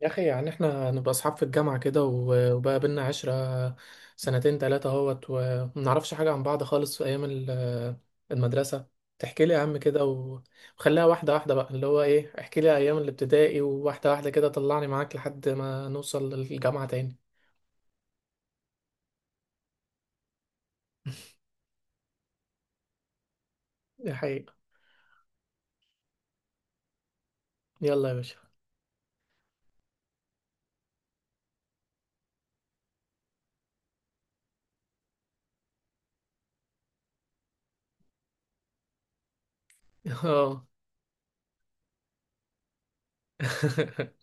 يا اخي، يعني احنا نبقى اصحاب في الجامعه كده وبقى بينا 10 سنتين تلاته اهوت وما نعرفش حاجه عن بعض خالص في ايام المدرسه. تحكي لي يا عم كده وخليها واحده واحده بقى، اللي هو ايه، احكي لي ايام الابتدائي، وواحده واحده كده طلعني معاك لحد ما نوصل للجامعه تاني. دي حقيقه. يلا يا باشا. اه.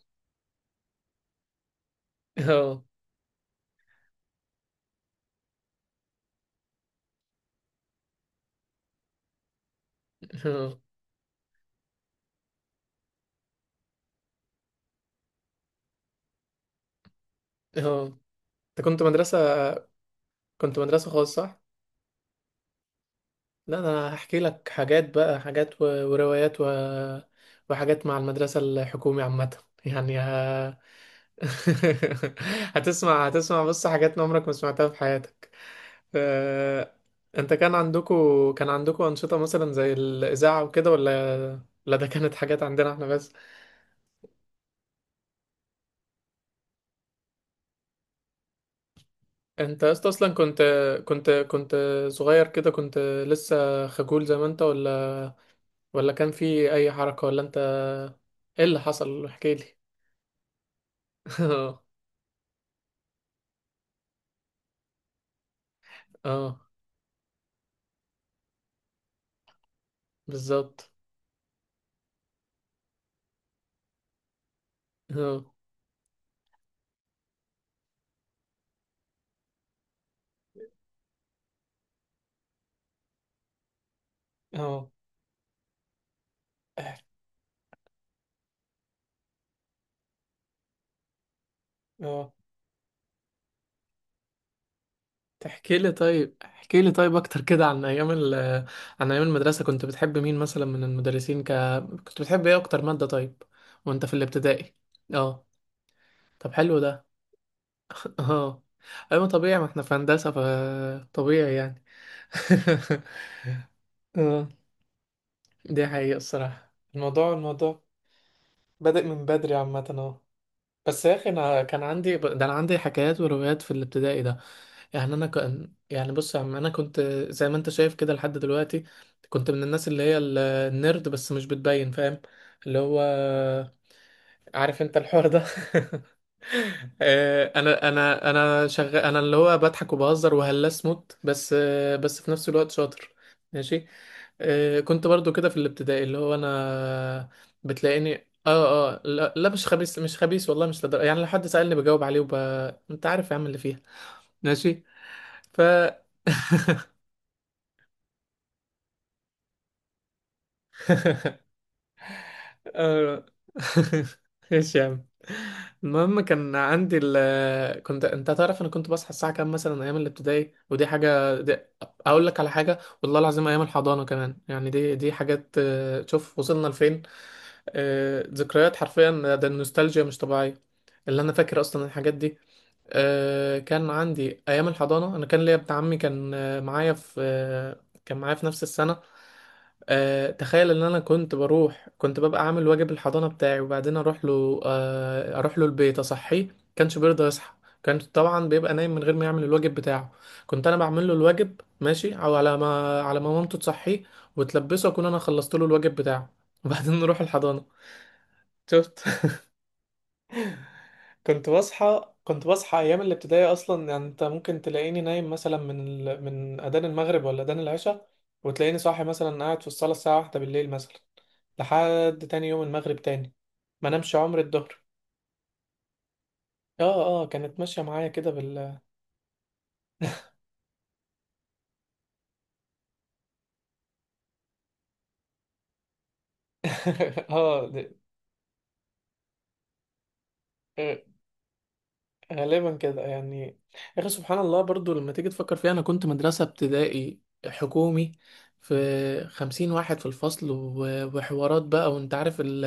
اه، اه، اه، انت كنت مدرسه، كنت مدرسه خاصه صح؟ لا، ده انا هحكي لك حاجات بقى، حاجات وروايات وحاجات مع المدرسة الحكومي عامة. يعني هتسمع، بص حاجات عمرك ما سمعتها في حياتك. أه... انت كان عندكو، أنشطة مثلا زي الإذاعة وكده ولا؟ لا، ده كانت حاجات عندنا احنا بس. انت يا اسطى اصلا كنت، كنت كنت صغير كده، كنت لسه خجول زي ما انت، ولا كان في اي حركة، ولا انت ايه اللي حصل؟ احكي لي. اه، بالظبط. اه، اه، اه. تحكي لي طيب، احكي لي طيب اكتر كده عن ايام عن ايام المدرسة. كنت بتحب مين مثلا من المدرسين؟ كنت بتحب ايه اكتر مادة طيب؟ وانت في الابتدائي. اه، طب حلو ده. اه، ايوه طبيعي، ما احنا في هندسة فطبيعي يعني. اه، دي حقيقة الصراحة. الموضوع، بادئ من بدري عامة، اه. بس يا اخي، انا كان عندي ده، انا عندي حكايات وروايات في الابتدائي ده. يعني انا كان، يعني بص يا عم، انا كنت زي ما انت شايف كده لحد دلوقتي، كنت من الناس اللي هي النيرد، بس مش بتبين، فاهم؟ اللي هو عارف انت الحوار ده. انا شغال، انا اللي هو بضحك وبهزر وهلاس موت بس، بس في نفس الوقت شاطر. ماشي. كنت برضو كده في الابتدائي، اللي هو انا بتلاقيني. اه، اه. لا, لا، مش خبيث، مش خبيث، والله مش يعني لو حد سألني بجاوب عليه انت عارف يا عم اللي فيها. ماشي. ف آه. ايش يا عم. المهم كان عندي كنت، انت تعرف، انا كنت بصحى الساعه كام مثلا ايام الابتدائي، ودي حاجه. اقول لك على حاجه، والله العظيم ايام الحضانه كمان. يعني دي، حاجات. شوف وصلنا لفين. ذكريات حرفيا، ده النوستالجيا مش طبيعيه، اللي انا فاكر اصلا الحاجات دي. كان عندي ايام الحضانه، انا كان ليا ابن عمي كان معايا في، كان معايا في نفس السنه. تخيل ان انا كنت ببقى عامل واجب الحضانه بتاعي، وبعدين اروح له، البيت اصحيه، كانش بيرضى يصحى. كان طبعا بيبقى نايم من غير ما يعمل الواجب بتاعه. كنت انا بعمل له الواجب، ماشي، او على ما، مامته تصحيه وتلبسه، اكون انا خلصت له الواجب بتاعه، وبعدين نروح الحضانه. شفت؟ كنت بصحى، ايام الابتدائي اصلا. يعني انت ممكن تلاقيني نايم مثلا من اذان المغرب ولا اذان العشاء، وتلاقيني صاحي مثلا قاعد في الصاله الساعه واحدة بالليل مثلا، لحد تاني يوم المغرب تاني. ما نمش عمر الظهر. اه، اه، كانت ماشيه معايا كده. اه، آه، غالبا كده يعني. يا اخي سبحان الله، برضو لما تيجي تفكر فيها، انا كنت مدرسه ابتدائي حكومي، في 50 واحد في الفصل، وحوارات بقى، وانت عارف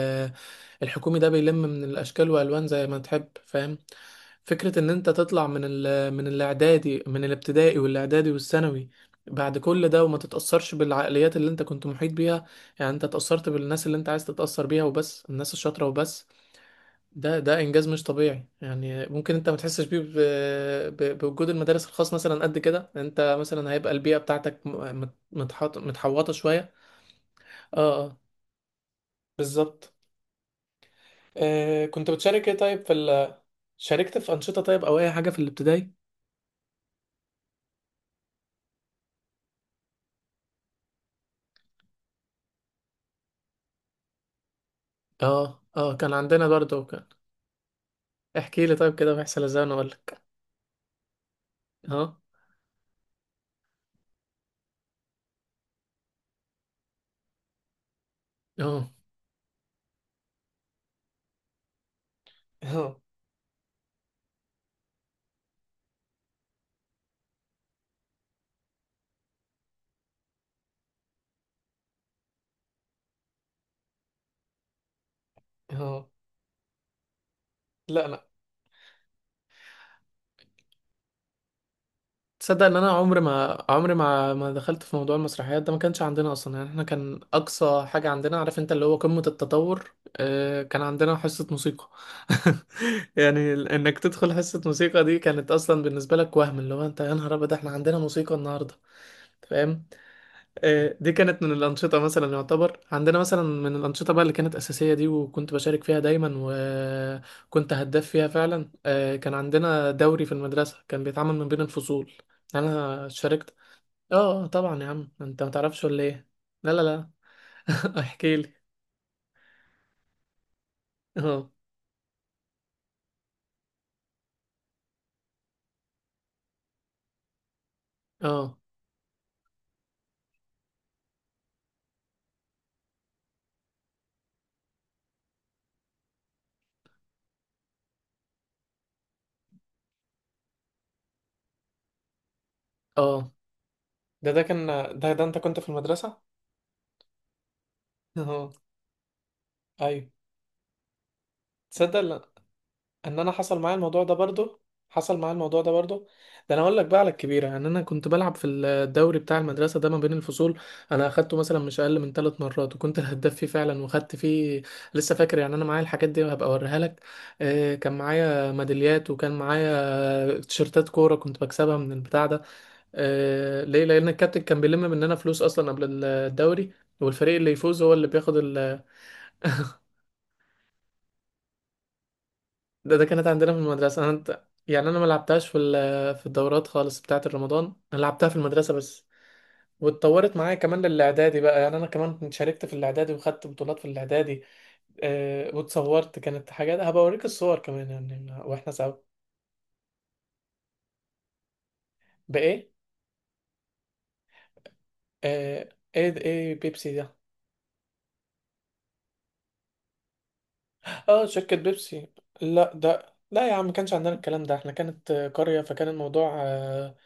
الحكومي ده بيلم من الاشكال والوان زي ما تحب، فاهم؟ فكرة ان انت تطلع من من الاعدادي، من الابتدائي والاعدادي والثانوي، بعد كل ده وما تتأثرش بالعقليات اللي انت كنت محيط بيها، يعني انت اتأثرت بالناس اللي انت عايز تتأثر بيها وبس، الناس الشاطرة وبس، ده انجاز مش طبيعي. يعني ممكن انت ما تحسش بيه بوجود المدارس الخاص مثلا، قد كده انت مثلا هيبقى البيئة بتاعتك م- مت- متحط متحوطة شوية. اه، اه، بالظبط. كنت بتشارك ايه طيب؟ شاركت في أنشطة طيب أو أي حاجة في الابتدائي؟ اه، اه، كان عندنا برضه. احكي لي طيب كده، بيحصل ازاي وأنا أقول لك. اه، اه. اه، اه. لا، أنا تصدق إن أنا عمري ما دخلت في موضوع المسرحيات ده. ما كانش عندنا أصلا، يعني احنا كان أقصى حاجة عندنا، عارف أنت، اللي هو قمة التطور، كان عندنا حصة موسيقى. يعني إنك تدخل حصة موسيقى دي كانت أصلا بالنسبة لك وهم، اللي هو أنت يا نهار أبيض احنا عندنا موسيقى النهاردة، فاهم؟ دي كانت من الأنشطة مثلا، يعتبر عندنا مثلا من الأنشطة بقى اللي كانت أساسية دي، وكنت بشارك فيها دايما، وكنت هداف فيها فعلا. كان عندنا دوري في المدرسة، كان بيتعمل من بين الفصول، يعني أنا شاركت. اه، طبعا يا عم، أنت ما تعرفش ولا إيه؟ لا، لا، لا. احكي لي. اه، اه، اه، ده ده كان ده ده أنت كنت في المدرسة. اه، آه. أيوه. تصدق ان انا حصل معايا الموضوع ده برضو. حصل معايا الموضوع ده برضو. ده انا اقول لك بقى على الكبيره، ان انا كنت بلعب في الدوري بتاع المدرسه ده ما بين الفصول، انا اخدته مثلا مش اقل من 3 مرات، وكنت الهداف فيه فعلا وخدت فيه. لسه فاكر، يعني انا معايا الحاجات دي وهبقى اوريها لك. كان معايا ميداليات، وكان معايا تيشيرتات كوره كنت بكسبها من البتاع ده. ليه؟ لان الكابتن كان بيلم مننا فلوس اصلا قبل الدوري، والفريق اللي يفوز هو اللي بياخد. ده كانت عندنا في المدرسة. أنا، أنت يعني أنا ما لعبتهاش في الدورات خالص بتاعة الرمضان، أنا لعبتها في المدرسة بس. واتطورت معايا كمان للإعدادي بقى، يعني أنا كمان كنت شاركت في الإعدادي وخدت بطولات في الإعدادي. أه، واتصورت، كانت حاجات هبقى أوريك الصور كمان يعني وإحنا سوا. بإيه؟ أه، إيه بيبسي ده؟ اه، شركة بيبسي. لا، ده لا يا عم، ما كانش عندنا الكلام ده. احنا كانت قرية، فكان الموضوع،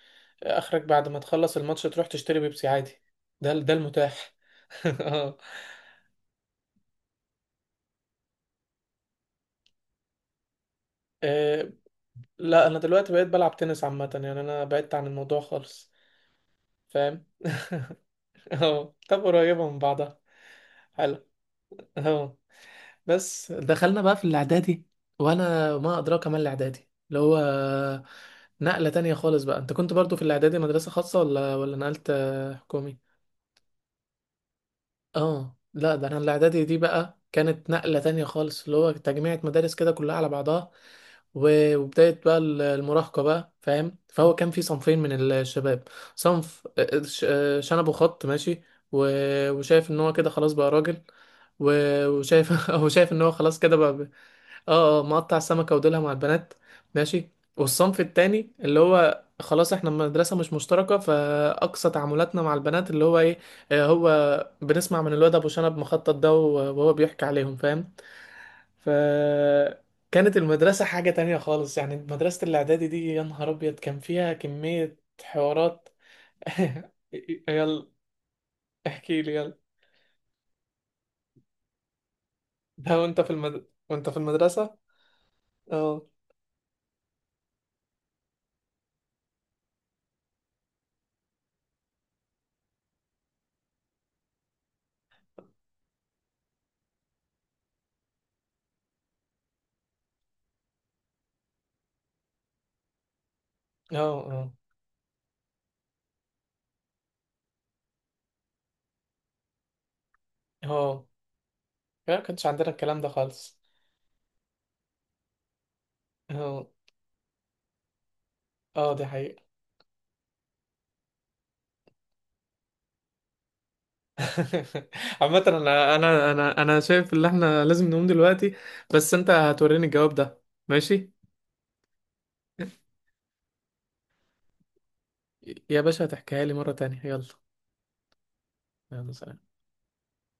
اخرك بعد ما تخلص الماتش تروح تشتري بيبسي عادي. ده المتاح. اه. آه، لا، انا دلوقتي بقيت بلعب تنس عامة، يعني انا بعدت عن الموضوع خالص. فاهم. اه، طب قريبة من بعضها. حلو. اه. بس دخلنا بقى في الاعدادي، وانا ما ادراك ما الاعدادي، اللي هو نقلة تانية خالص بقى. انت كنت برضو في الاعدادي مدرسة خاصة ولا، نقلت حكومي؟ اه. لا، ده انا الاعدادي دي بقى كانت نقلة تانية خالص، اللي هو تجميعة مدارس كده كلها على بعضها، وبداية بقى المراهقة بقى، فاهم؟ فهو كان في صنفين من الشباب: صنف شنبه خط، ماشي، وشايف ان هو كده خلاص بقى راجل، وشايف هو شايف ان هو خلاص كده بقى. اه، اه، مقطع السمكة وديلها مع البنات. ماشي. والصنف التاني اللي هو خلاص احنا مدرسة مش مشتركة، فأقصى تعاملاتنا مع البنات اللي هو ايه، هو بنسمع من الواد أبو شنب مخطط ده، وهو بيحكي عليهم، فاهم؟ ف كانت المدرسة حاجة تانية خالص، يعني مدرسة الإعدادي دي يا نهار أبيض كان فيها كمية حوارات. يلا احكي لي، يلا. ده وانت وانت في المدرسة. اه، اه، اه، اه، ما كانش عندنا الكلام ده خالص. اه، اه، دي حقيقة. عامة انا، شايف ان احنا لازم نقوم دلوقتي، بس انت هتوريني الجواب ده، ماشي يا باشا؟ هتحكيها لي مرة تانية. يلا. يلا سلام.